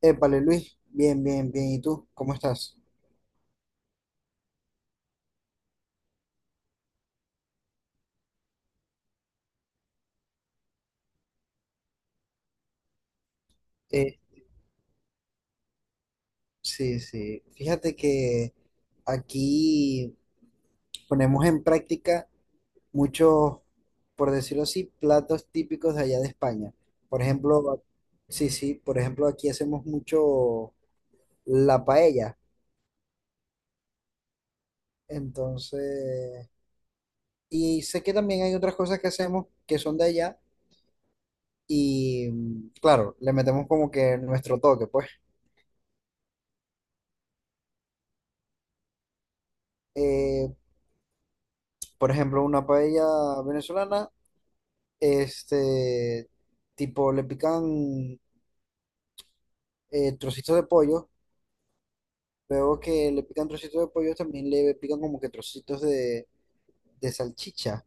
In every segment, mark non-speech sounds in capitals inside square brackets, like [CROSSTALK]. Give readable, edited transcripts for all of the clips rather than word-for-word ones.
Épale, Luis, bien, bien, bien. ¿Y tú? ¿Cómo estás? Eh, sí, sí. Fíjate que aquí ponemos en práctica muchos, por decirlo así, platos típicos de allá de España. Por ejemplo, sí, sí, por ejemplo, aquí hacemos mucho la paella. Entonces, y sé que también hay otras cosas que hacemos que son de allá y, claro, le metemos como que nuestro toque, pues. Eh, por ejemplo, una paella venezolana. Este, Tipo, le pican trocitos de pollo. Luego que le pican trocitos de pollo, también le pican como que trocitos de salchicha.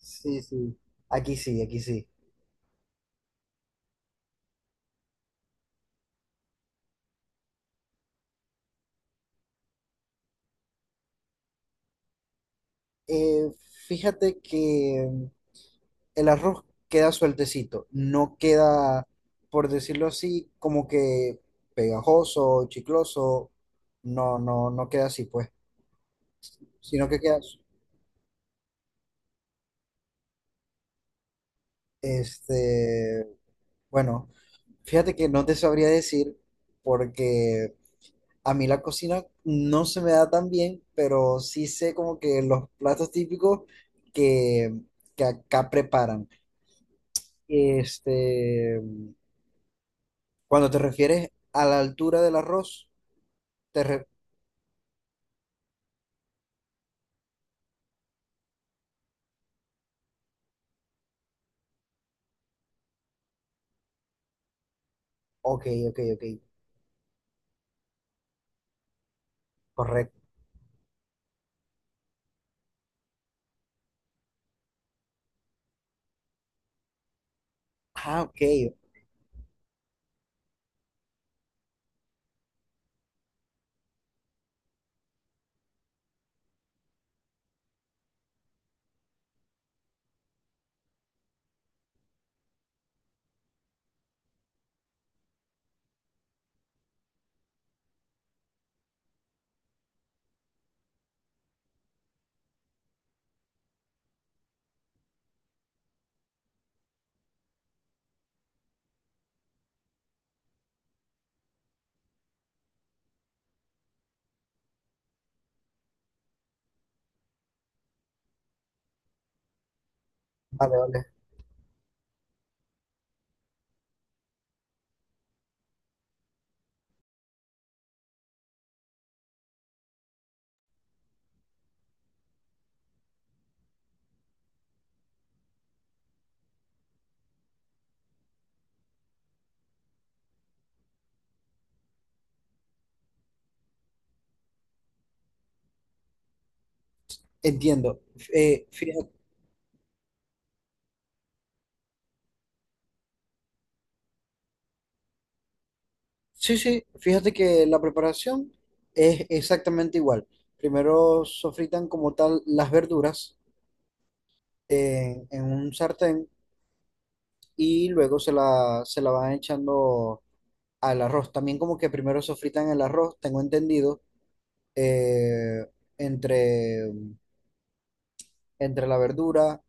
Sí, sí. Aquí sí, aquí sí. Eh, Fíjate que el arroz queda sueltecito, no queda, por decirlo así, como que pegajoso, chicloso. No, no, no queda así, pues. Sino que queda, este, bueno, fíjate que no te sabría decir porque a mí la cocina no se me da tan bien, pero sí sé como que los platos típicos que, que acá preparan. Este, cuando te refieres a la altura del arroz, te re- ok, ok, ok, correcto. Ah, ok, vale, vale, entiendo. Fíjate. Sí, sí, fíjate que la preparación es exactamente igual. Primero sofritan como tal las verduras en un sartén y luego se la van echando al arroz. También como que primero sofritan el arroz, tengo entendido, eh, entre, entre la verdura,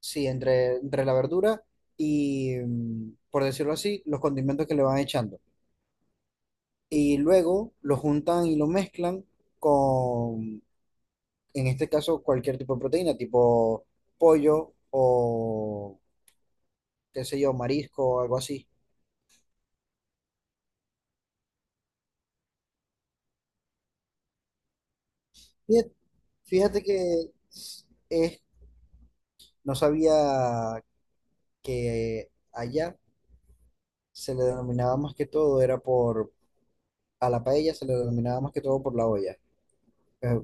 sí, entre, entre la verdura y, por decirlo así, los condimentos que le van echando. Y luego lo juntan y lo mezclan con, en este caso cualquier tipo de proteína, tipo pollo o qué sé yo, marisco o algo así. Fíjate, fíjate que es, no sabía que allá se le denominaba más que todo, era por, a la paella se le denominaba más que todo por la olla. Eh,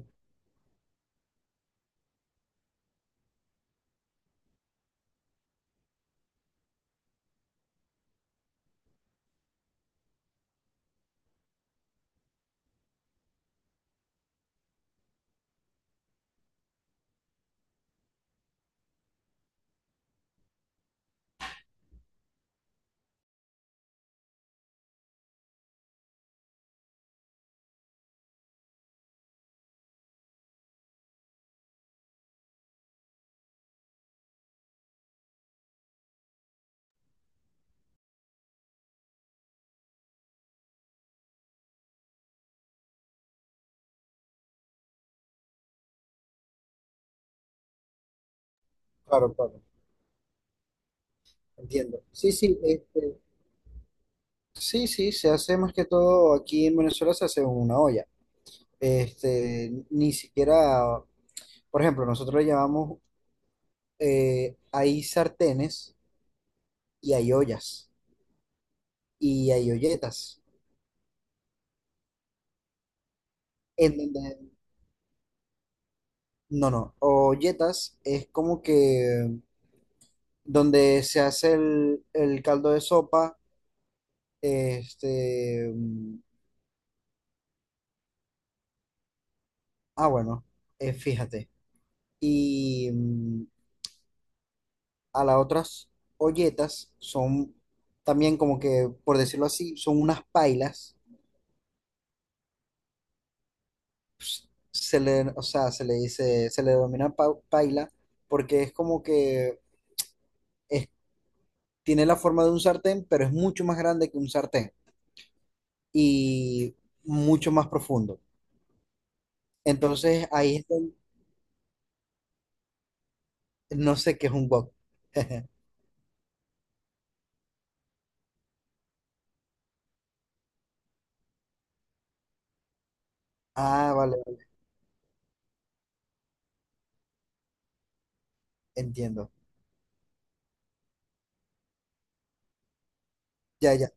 claro, claro, entiendo. Sí, sí, este, sí, sí, se hace más que todo aquí en Venezuela se hace en una olla. Este, ni siquiera, por ejemplo, nosotros le llamamos hay sartenes y hay ollas y hay olletas. En donde, no, no, olletas es como que donde se hace el caldo de sopa, este, mm, ah, bueno, fíjate. Y a las otras olletas son también como que, por decirlo así, son unas pailas. Se le, o sea, se le dice, se le denomina paila porque es como que es, tiene la forma de un sartén, pero es mucho más grande que un sartén y mucho más profundo. Entonces ahí está, no sé qué es un wok. [LAUGHS] Ah, vale, vale, entiendo. Ya, ya.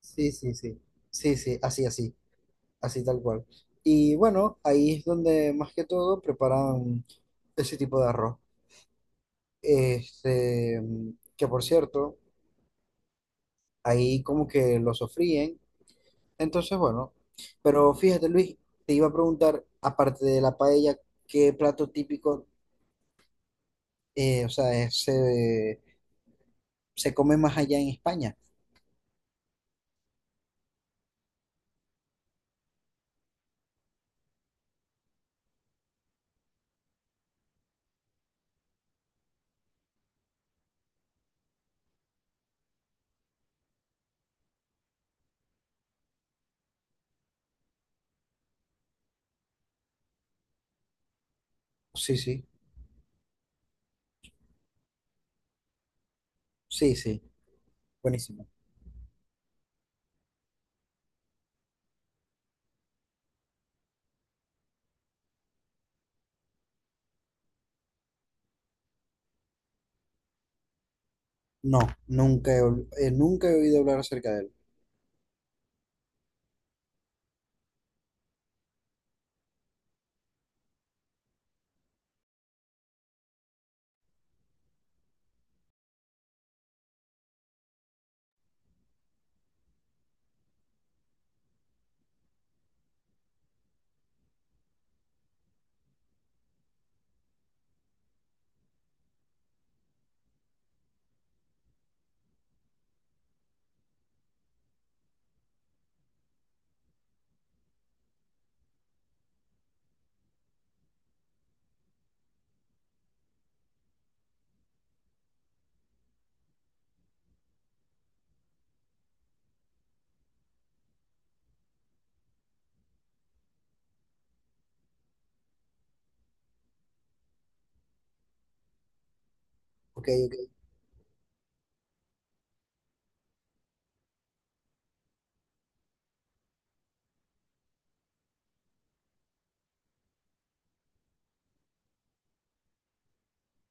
Sí, sí, sí. Sí, sí, así, así, así tal cual. Y bueno, ahí es donde más que todo preparan ese tipo de arroz. Este, que por cierto, ahí como que lo sofríen. Entonces, bueno, pero fíjate, Luis, te iba a preguntar, aparte de la paella, ¿qué plato típico, o sea, se come más allá en España? Sí, sí, sí, sí, buenísimo. No, nunca he oído hablar acerca de él. Ok, ok,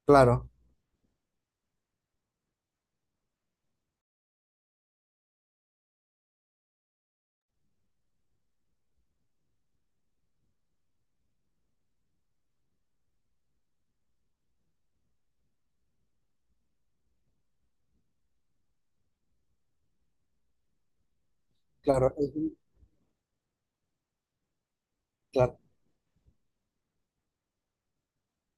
claro, claro, es un, claro,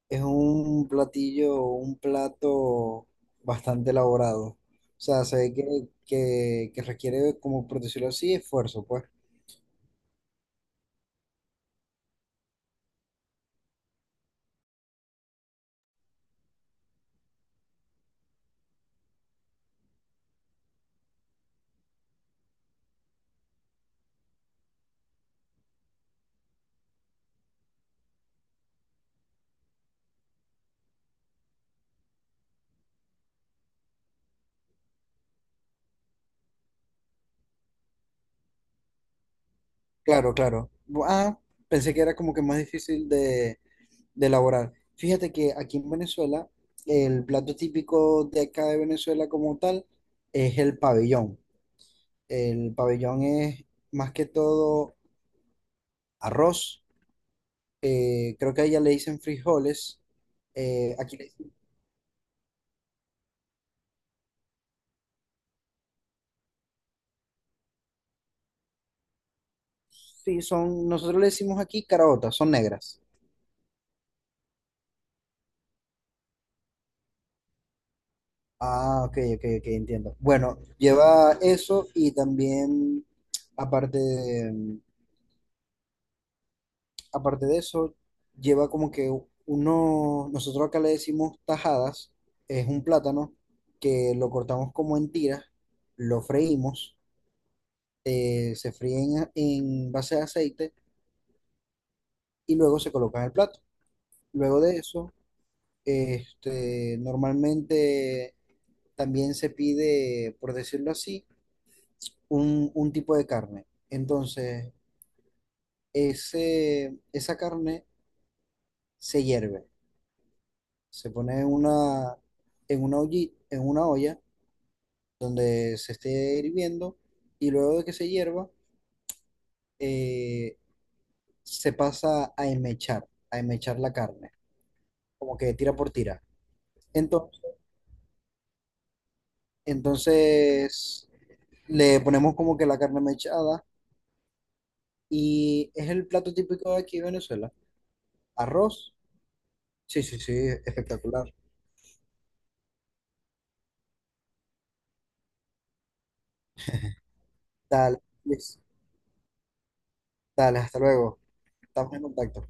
es un platillo, un plato bastante elaborado. O sea, se ve que, que requiere, como por decirlo así, esfuerzo, pues. Claro, claro. Ah, pensé que era como que más difícil de elaborar. Fíjate que aquí en Venezuela, el plato típico de acá de Venezuela como tal es el pabellón. El pabellón es más que todo arroz. Eh, creo que a ella le dicen frijoles. eh, aquí le- sí, son, nosotros le decimos aquí caraotas, son negras. Ah, ok, ok, ok, entiendo. Bueno, lleva eso y también, aparte, aparte de eso, lleva como que uno, nosotros acá le decimos tajadas, es un plátano que lo cortamos como en tiras, lo freímos, se fríen en base de aceite y luego se coloca en el plato. Luego de eso, normalmente también se pide, por decirlo así, un tipo de carne. Entonces, ese, esa carne se hierve. Se pone en una, en una, en una olla, se esté hirviendo y luego de que se hierva, eh, se pasa a enmechar la carne, como que tira por tira. Entonces, entonces le ponemos como que la carne mechada y es el plato típico de aquí de Venezuela. Arroz. Sí, sí, sí, espectacular. Dale, Luis. Dale, hasta luego. Estamos en contacto.